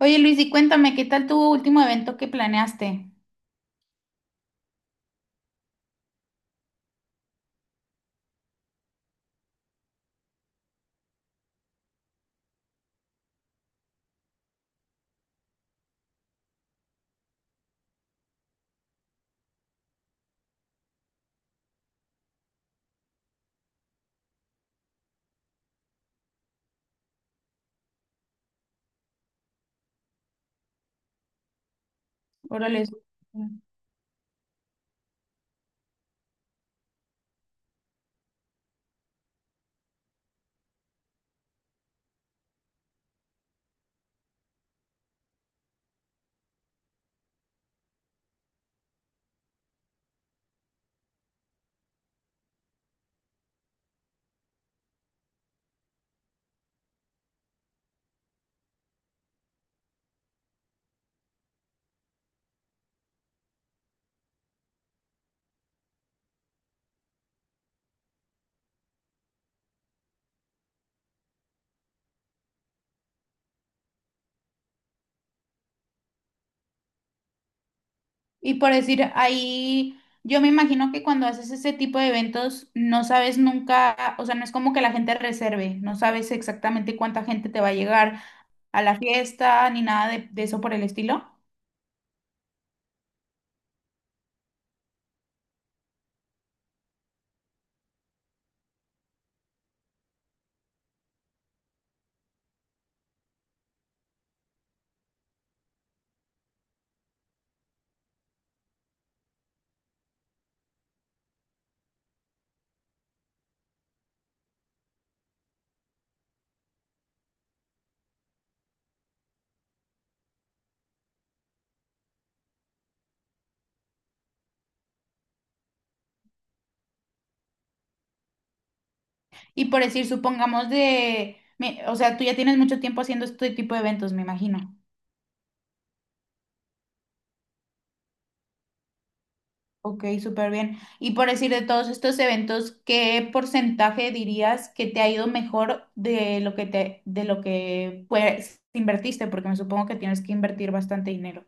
Oye Luis, y cuéntame, ¿qué tal tu último evento que planeaste? Órale. Y por decir, ahí yo me imagino que cuando haces ese tipo de eventos no sabes nunca, o sea, no es como que la gente reserve, no sabes exactamente cuánta gente te va a llegar a la fiesta ni nada de eso por el estilo. Y por decir, supongamos o sea, tú ya tienes mucho tiempo haciendo este tipo de eventos, me imagino. Ok, súper bien. Y por decir de todos estos eventos, ¿qué porcentaje dirías que te ha ido mejor de lo que te, de lo que pues invertiste? Porque me supongo que tienes que invertir bastante dinero.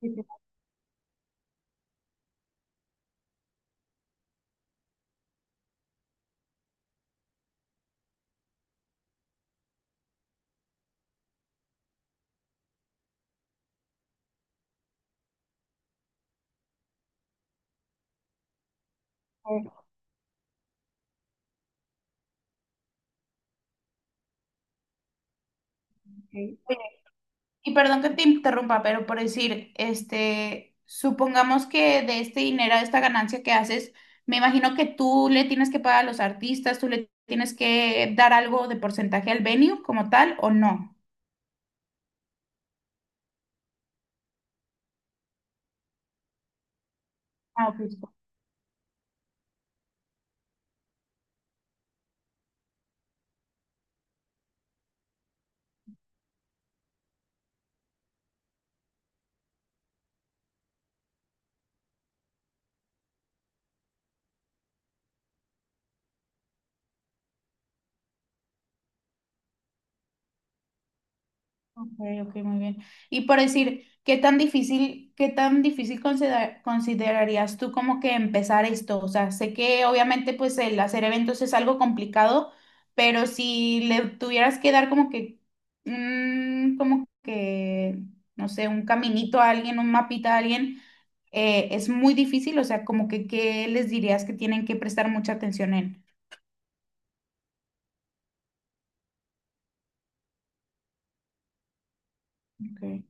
Sí, sí, sí. Ok. Y perdón que te interrumpa, pero por decir, este, supongamos que de este dinero, de esta ganancia que haces, me imagino que tú le tienes que pagar a los artistas, tú le tienes que dar algo de porcentaje al venue como tal, ¿o no? Ah, ok. Ok, ok, muy bien. Y por decir, qué tan difícil considerarías tú como que empezar esto? O sea, sé que obviamente pues el hacer eventos es algo complicado, pero si le tuvieras que dar como que, como que, no sé, un caminito a alguien, un mapita a alguien, es muy difícil, o sea, como que, ¿qué les dirías que tienen que prestar mucha atención en? Ok.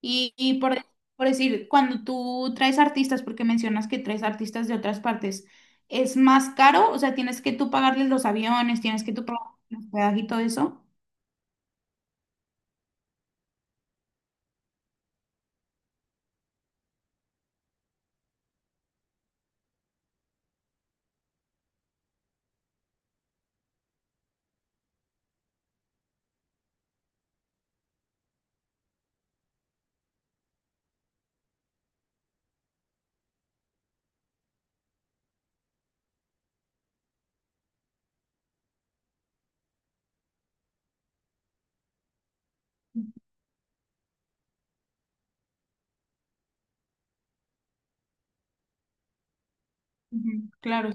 Y por decir, cuando tú traes artistas, porque mencionas que traes artistas de otras partes, ¿es más caro? O sea, tienes que tú pagarles los aviones, tienes que tú pagar los hospedaje y todo eso. Ujú, claro.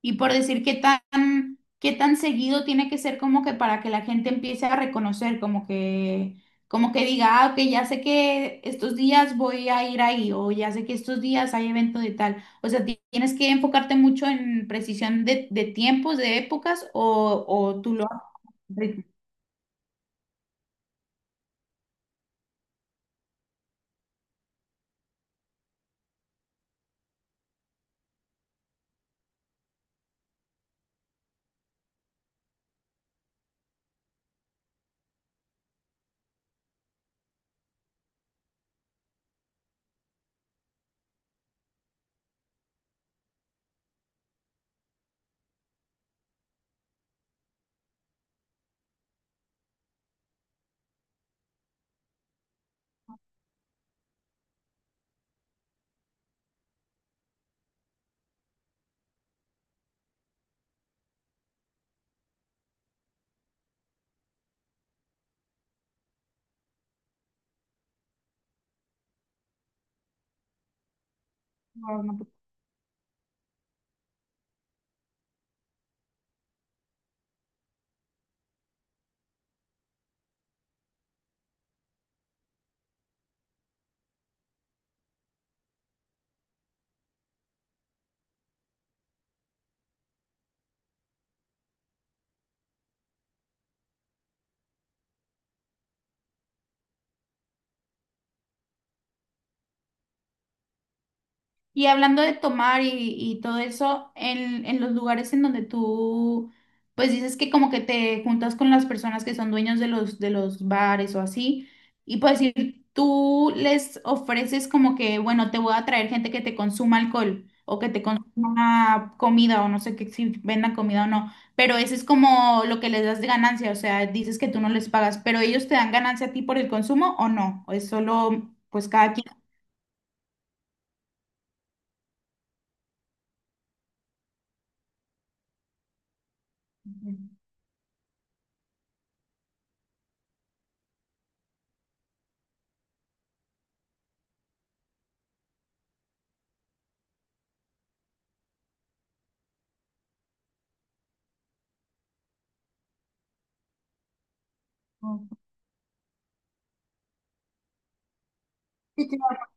Y por decir qué tan seguido tiene que ser como que para que la gente empiece a reconocer, como que diga, ah, ok, ya sé que estos días voy a ir ahí, o ya sé que estos días hay evento de tal. O sea, tienes que enfocarte mucho en precisión de tiempos, de épocas, o tú lo haces. Y hablando de tomar y todo eso, en los lugares en donde tú, pues dices que como que te juntas con las personas que son dueños de los bares o así, y pues decir, tú les ofreces como que, bueno, te voy a traer gente que te consuma alcohol o que te consuma comida o no sé qué, si vendan comida o no, pero eso es como lo que les das de ganancia, o sea, dices que tú no les pagas, pero ellos te dan ganancia a ti por el consumo o no, o es solo, pues cada quien. Sí, claro.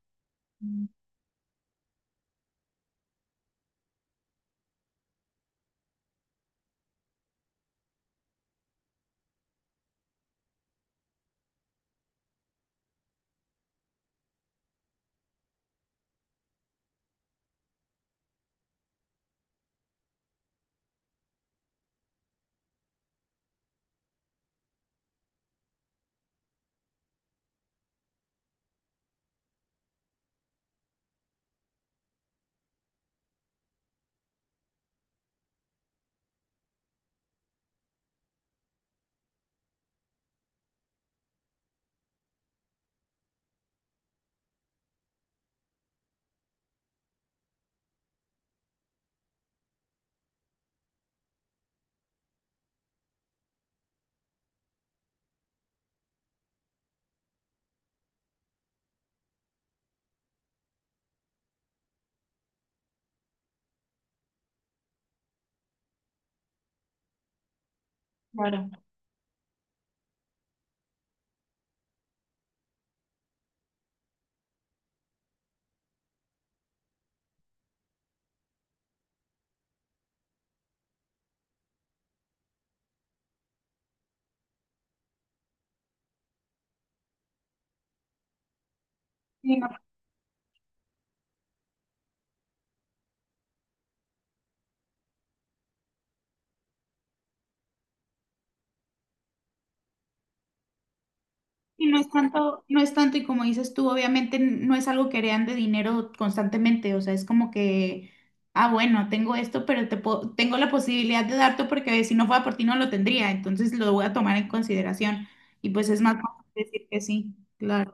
Claro. Y no, y no es tanto, no es tanto, y como dices tú, obviamente no es algo que heredan de dinero constantemente, o sea, es como que, ah, bueno, tengo esto, pero tengo la posibilidad de darte porque si no fuera por ti no lo tendría, entonces lo voy a tomar en consideración. Y pues es más fácil decir que sí, claro.